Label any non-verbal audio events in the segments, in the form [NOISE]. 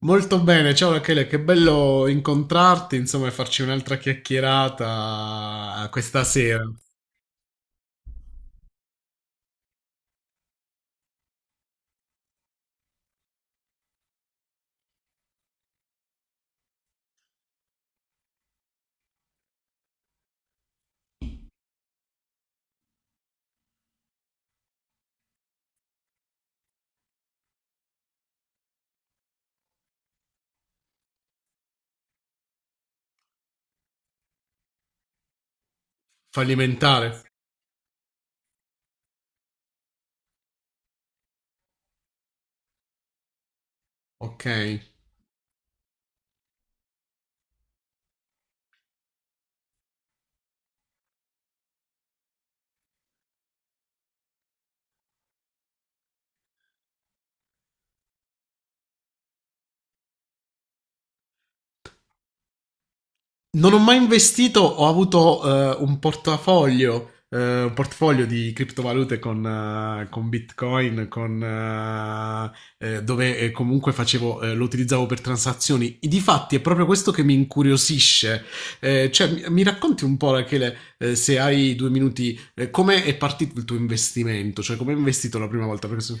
Molto bene, ciao Rachele, che bello incontrarti, insomma, e farci un'altra chiacchierata questa sera, fallimentare. Ok. Non ho mai investito, ho avuto un portafoglio, un portfolio di criptovalute con Bitcoin, con, dove comunque facevo, lo utilizzavo per transazioni. E difatti è proprio questo che mi incuriosisce. Cioè, mi racconti un po', Rachele, se hai due minuti, come è partito il tuo investimento? Cioè, come hai investito la prima volta? Perché se-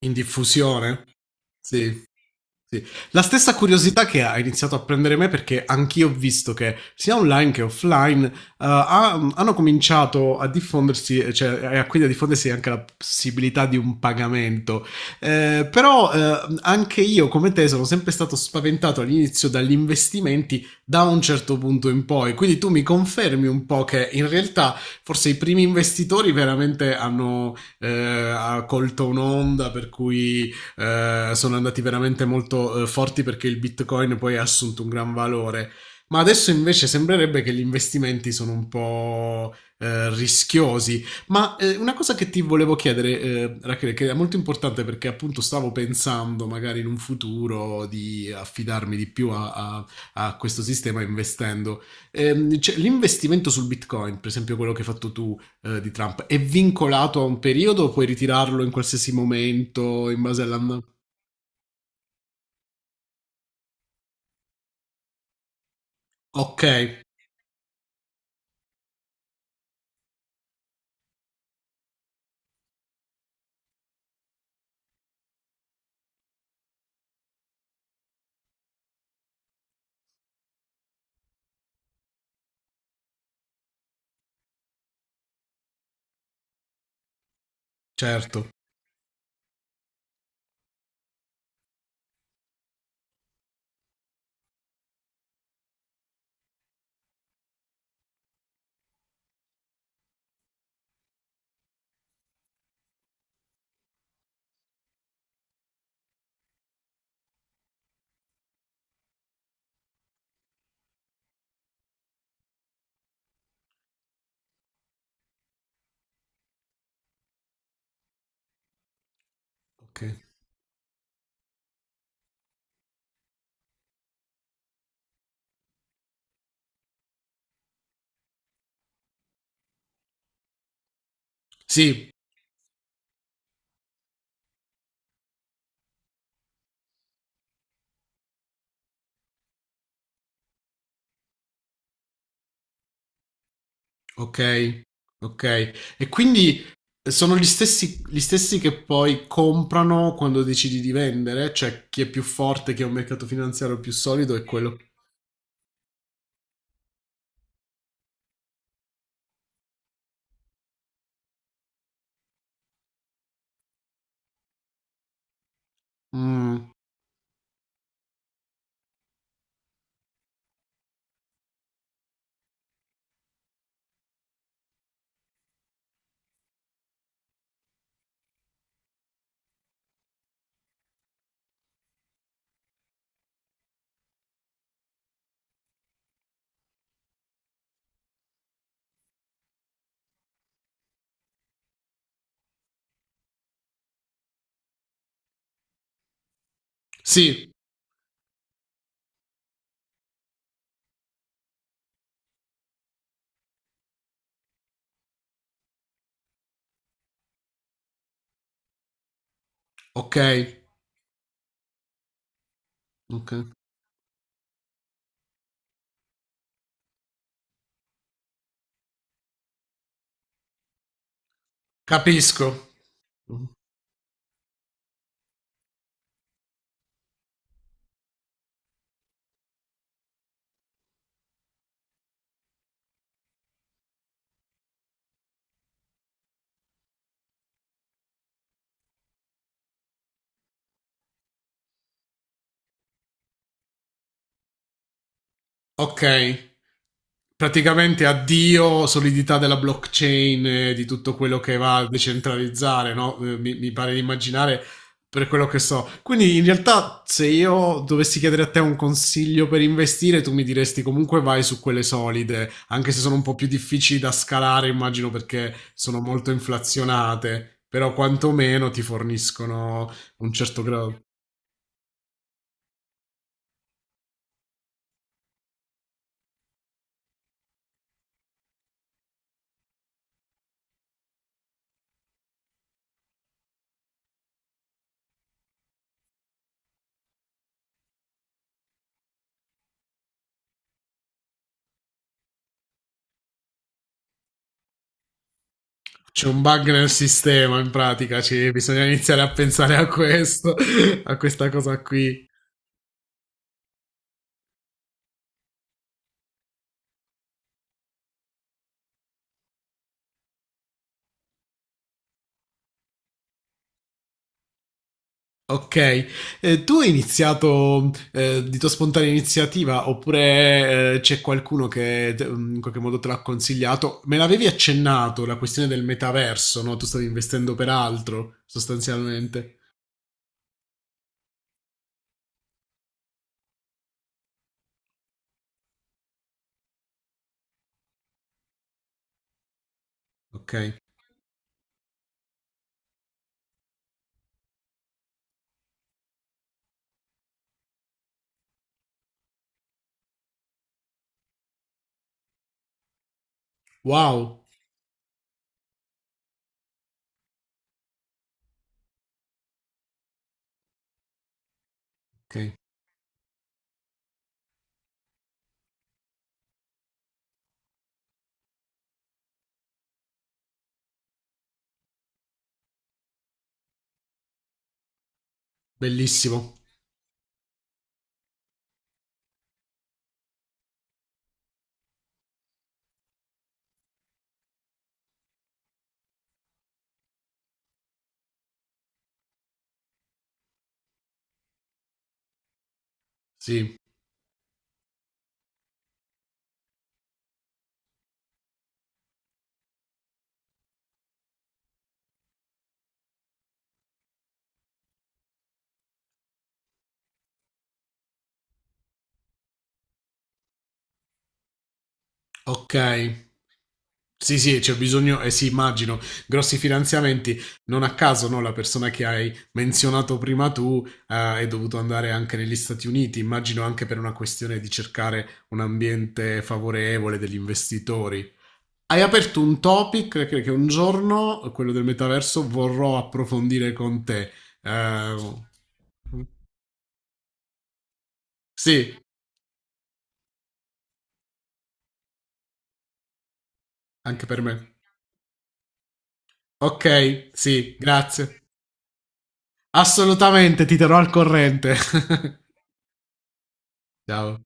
In diffusione? Sì. Sì. La stessa curiosità che ha iniziato a prendere me, perché anch'io ho visto che sia online che offline hanno cominciato a diffondersi, quindi a diffondersi anche la possibilità di un pagamento. Però anche io come te sono sempre stato spaventato all'inizio dagli investimenti da un certo punto in poi. Quindi tu mi confermi un po' che in realtà forse i primi investitori veramente hanno ha colto un'onda per cui sono andati veramente molto forti, perché il bitcoin poi ha assunto un gran valore. Ma adesso invece sembrerebbe che gli investimenti sono un po' rischiosi. Una cosa che ti volevo chiedere, Rachele, che è molto importante, perché appunto stavo pensando magari in un futuro di affidarmi di più a questo sistema investendo. Cioè, l'investimento sul Bitcoin, per esempio quello che hai fatto tu, di Trump. È vincolato a un periodo o puoi ritirarlo in qualsiasi momento in base alla... Ok, certo. Ok. Sì, ok, ok. E quindi sono gli stessi che poi comprano quando decidi di vendere, cioè chi è più forte, chi ha un mercato finanziario più solido è quello. Mm, sì, ok, ok. Capisco. Ok, praticamente addio solidità della blockchain, di tutto quello che va a decentralizzare, no? Mi pare di immaginare per quello che so. Quindi in realtà se io dovessi chiedere a te un consiglio per investire, tu mi diresti comunque vai su quelle solide, anche se sono un po' più difficili da scalare, immagino, perché sono molto inflazionate, però quantomeno ti forniscono un certo grado. C'è un bug nel sistema, in pratica, bisogna iniziare a pensare a questo, [LAUGHS] a questa cosa qui. Ok, tu hai iniziato di tua spontanea iniziativa, oppure c'è qualcuno in qualche modo te l'ha consigliato? Me l'avevi accennato la questione del metaverso, no? Tu stavi investendo per altro, sostanzialmente. Ok, wow, ok, bellissimo. Sì, okay. Sì, sì, c'è bisogno, eh sì, immagino, grossi finanziamenti. Non a caso, no, la persona che hai menzionato prima tu, è dovuto andare anche negli Stati Uniti, immagino anche per una questione di cercare un ambiente favorevole degli investitori. Hai aperto un topic che un giorno, quello del metaverso, vorrò approfondire con te. Ehm, mh, sì, anche per me. Okay, sì, grazie. Assolutamente, ti terrò al corrente. [LAUGHS] Ciao.